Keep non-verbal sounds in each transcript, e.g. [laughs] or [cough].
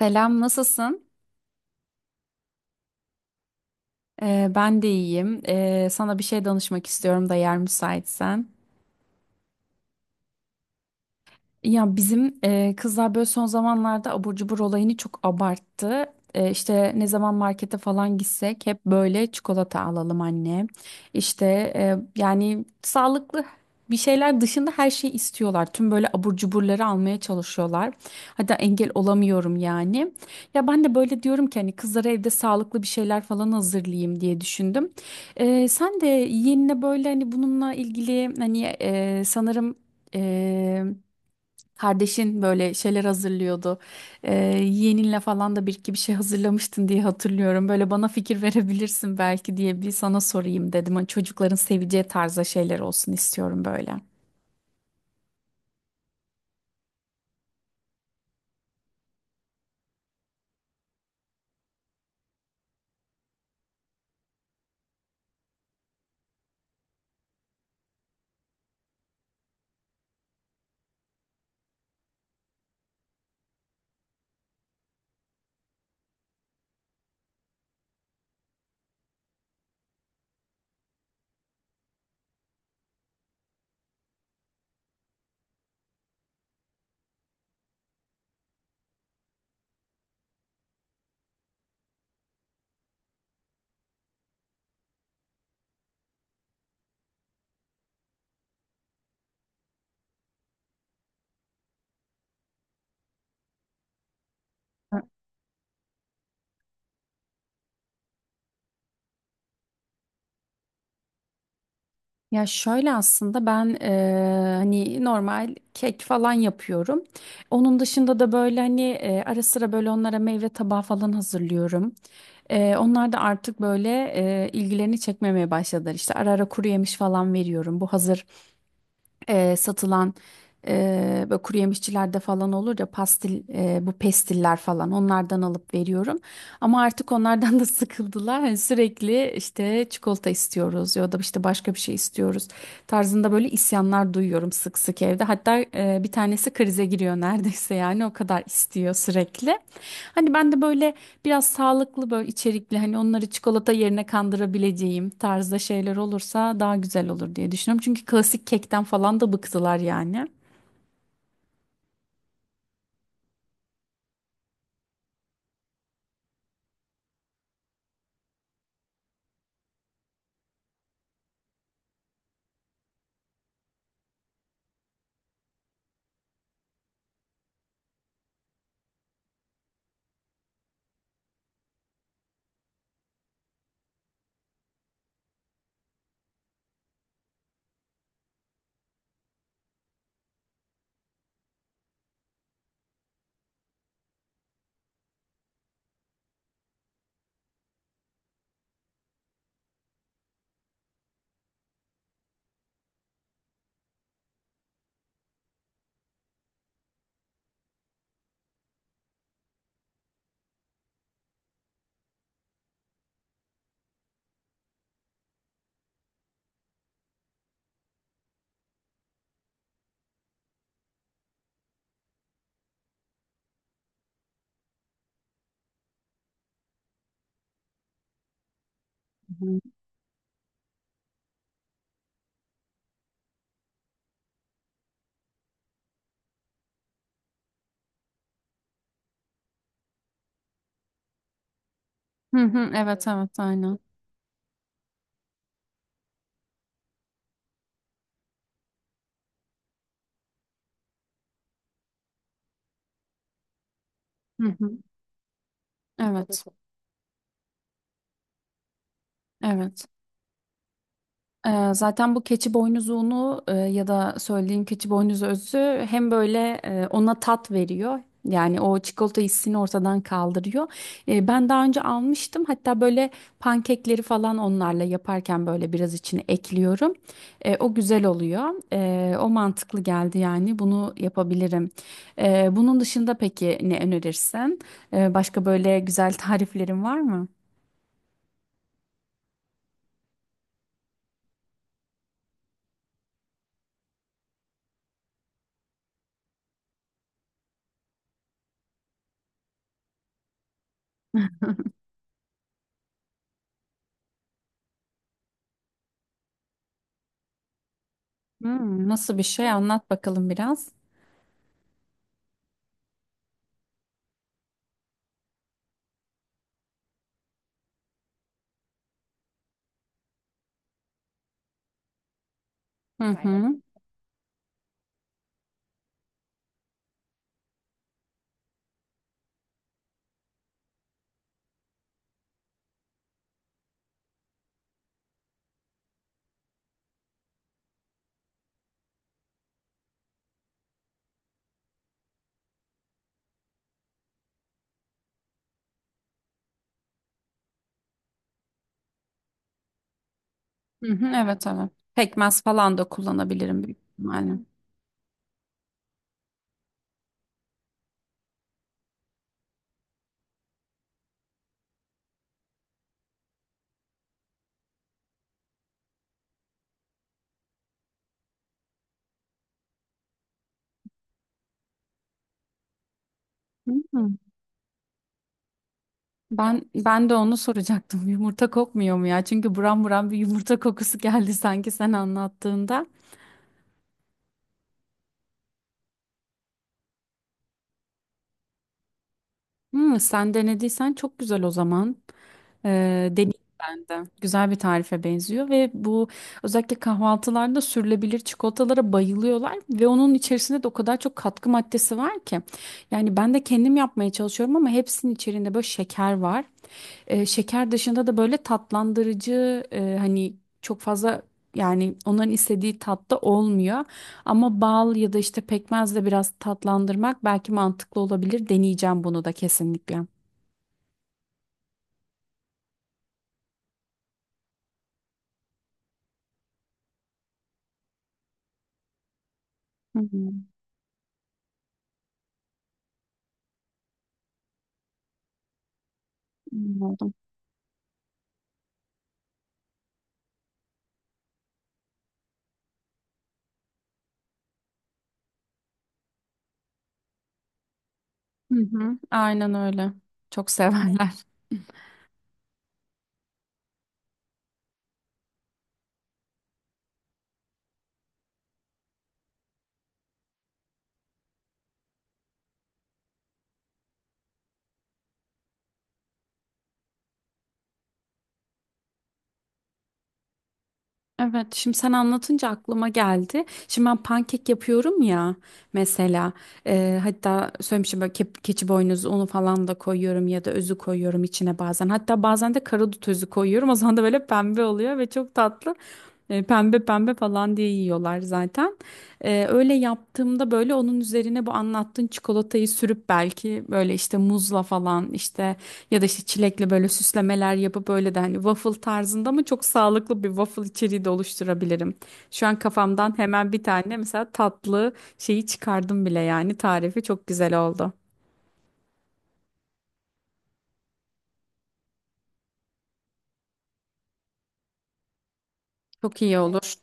Selam, nasılsın? Ben de iyiyim. Sana bir şey danışmak istiyorum da yer müsaitsen. Ya bizim kızlar böyle son zamanlarda abur cubur olayını çok abarttı. İşte ne zaman markete falan gitsek hep böyle çikolata alalım anne. İşte yani sağlıklı bir şeyler dışında her şeyi istiyorlar. Tüm böyle abur cuburları almaya çalışıyorlar. Hatta engel olamıyorum yani. Ya ben de böyle diyorum ki hani kızlara evde sağlıklı bir şeyler falan hazırlayayım diye düşündüm. Sen de yeğenine böyle hani bununla ilgili hani sanırım... Kardeşin böyle şeyler hazırlıyordu. Ee, Yeğeninle falan da bir iki bir şey hazırlamıştın diye hatırlıyorum. Böyle bana fikir verebilirsin belki diye bir sana sorayım dedim. Hani çocukların seveceği tarzda şeyler olsun istiyorum böyle. Ya şöyle aslında ben hani normal kek falan yapıyorum. Onun dışında da böyle hani ara sıra böyle onlara meyve tabağı falan hazırlıyorum. Onlar da artık böyle ilgilerini çekmemeye başladılar. İşte ara ara kuru yemiş falan veriyorum. Bu hazır satılan böyle kuru yemişçilerde falan olur ya pastil bu pestiller falan onlardan alıp veriyorum. Ama artık onlardan da [laughs] sıkıldılar. Hani sürekli işte çikolata istiyoruz ya da işte başka bir şey istiyoruz tarzında böyle isyanlar duyuyorum sık sık evde. Hatta bir tanesi krize giriyor neredeyse yani o kadar istiyor sürekli. Hani ben de böyle biraz sağlıklı böyle içerikli hani onları çikolata yerine kandırabileceğim tarzda şeyler olursa daha güzel olur diye düşünüyorum. Çünkü klasik kekten falan da bıktılar yani. Hı hı. Evet, evet, aynen. Hı hı, evet, evet. Zaten bu keçi boynuzuğunu ya da söylediğim keçi boynuzu özü hem böyle ona tat veriyor. Yani o çikolata hissini ortadan kaldırıyor. Ben daha önce almıştım. Hatta böyle pankekleri falan onlarla yaparken böyle biraz içine ekliyorum. O güzel oluyor. O mantıklı geldi yani. Bunu yapabilirim. Bunun dışında peki ne önerirsin? Başka böyle güzel [laughs] tariflerin var mı? Hmm, nasıl bir şey? Anlat bakalım biraz. Hı hı. Hı hı, evet, evet. Pekmez falan da kullanabilirim büyük ihtimalle. Hı. Ben de onu soracaktım. [laughs] Yumurta kokmuyor mu ya? Çünkü buram buram bir yumurta kokusu geldi sanki sen anlattığında. Hı, sen denediysen çok güzel o zaman. Deneyim ben de. Güzel bir tarife benziyor ve bu özellikle kahvaltılarda sürülebilir çikolatalara bayılıyorlar ve onun içerisinde de o kadar çok katkı maddesi var ki. Yani ben de kendim yapmaya çalışıyorum ama hepsinin içerisinde böyle şeker var. Şeker dışında da böyle tatlandırıcı hani çok fazla yani onların istediği tatta olmuyor. Ama bal ya da işte pekmezle biraz tatlandırmak belki mantıklı olabilir. Deneyeceğim bunu da kekesinlikle. Hı hı, anladım. Hı hı, aynen öyle. Çok severler. Evet, şimdi sen anlatınca aklıma geldi. Şimdi ben pankek yapıyorum ya mesela hatta söylemişim böyle keçi boynuzu unu falan da koyuyorum ya da özü koyuyorum içine bazen. Hatta bazen de karadut özü koyuyorum, o zaman da böyle pembe oluyor ve çok tatlı. Pembe pembe falan diye yiyorlar zaten. Öyle yaptığımda böyle onun üzerine bu anlattığın çikolatayı sürüp belki böyle işte muzla falan, işte ya da işte çilekle böyle süslemeler yapıp böyle de hani waffle tarzında ama çok sağlıklı bir waffle içeriği de oluşturabilirim. Şu an kafamdan hemen bir tane mesela tatlı şeyi çıkardım bile, yani tarifi çok güzel oldu. Çok iyi olur.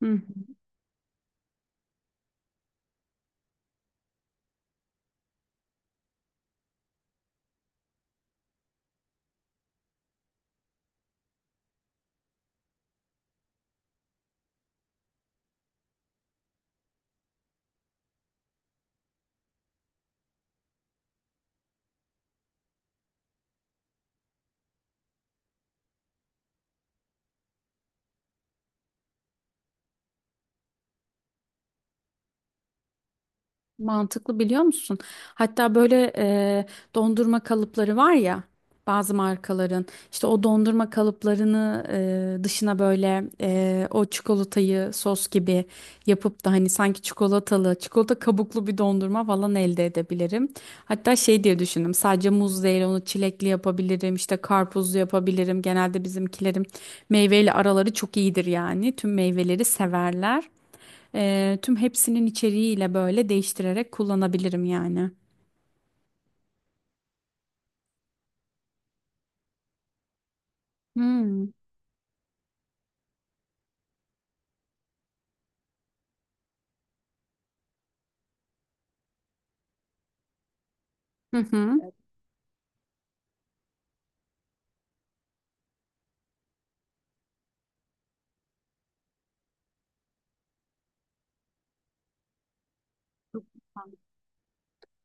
[laughs] Mantıklı, biliyor musun? Hatta böyle dondurma kalıpları var ya bazı markaların, işte o dondurma kalıplarını dışına böyle o çikolatayı sos gibi yapıp da hani sanki çikolatalı, çikolata kabuklu bir dondurma falan elde edebilirim. Hatta şey diye düşündüm, sadece muz değil onu çilekli yapabilirim, işte karpuzlu yapabilirim. Genelde bizimkilerim meyveyle araları çok iyidir yani, tüm meyveleri severler. Tüm hepsinin içeriğiyle böyle değiştirerek kullanabilirim yani. Hmm. Hı hı.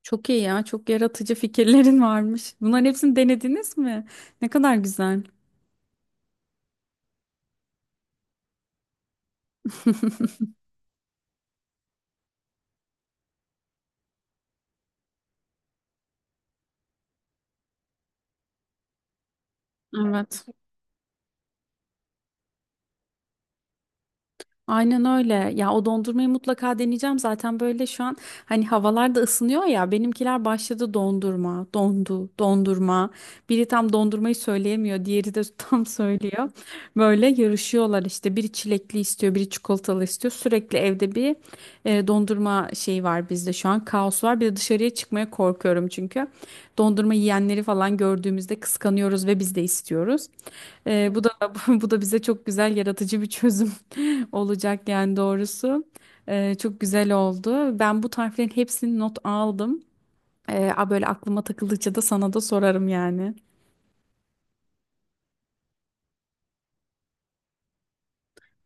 Çok iyi ya, çok yaratıcı fikirlerin varmış. Bunların hepsini denediniz mi? Ne kadar güzel. [laughs] Evet. Aynen öyle. Ya o dondurmayı mutlaka deneyeceğim. Zaten böyle şu an hani havalar da ısınıyor ya. Benimkiler başladı, dondurma, dondu, dondurma. Biri tam dondurmayı söyleyemiyor, diğeri de [laughs] tam söylüyor. Böyle yarışıyorlar işte. Biri çilekli istiyor, biri çikolatalı istiyor. Sürekli evde bir dondurma şeyi var bizde şu an. Kaos var. Bir de dışarıya çıkmaya korkuyorum çünkü. Dondurma yiyenleri falan gördüğümüzde kıskanıyoruz ve biz de istiyoruz. Bu da [laughs] bu da bize çok güzel yaratıcı bir çözüm [laughs] olacak yani doğrusu. Çok güzel oldu. Ben bu tariflerin hepsini not aldım. A Böyle aklıma takıldıkça da sana da sorarım yani.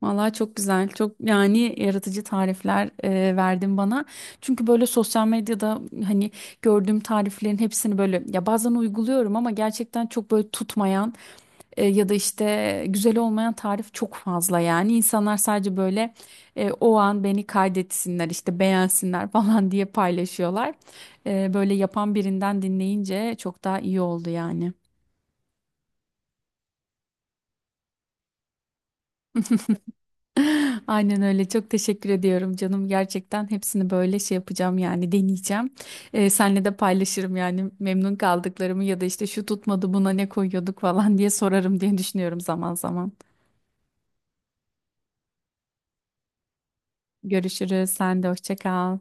Vallahi çok güzel. Çok yani yaratıcı tarifler verdin bana. Çünkü böyle sosyal medyada hani gördüğüm tariflerin hepsini böyle ya bazen uyguluyorum ama gerçekten çok böyle tutmayan. Ya da işte güzel olmayan tarif çok fazla yani. İnsanlar sadece böyle o an beni kaydetsinler işte, beğensinler [laughs] falan diye paylaşıyorlar. Böyle yapan birinden dinleyince çok daha iyi oldu yani. [laughs] Aynen öyle, çok teşekkür ediyorum canım, gerçekten hepsini böyle şey yapacağım yani, deneyeceğim. Senle de paylaşırım yani memnun kaldıklarımı ya da işte şu tutmadı, buna ne koyuyorduk falan diye sorarım diye düşünüyorum zaman zaman. Görüşürüz, sen de hoşça kal.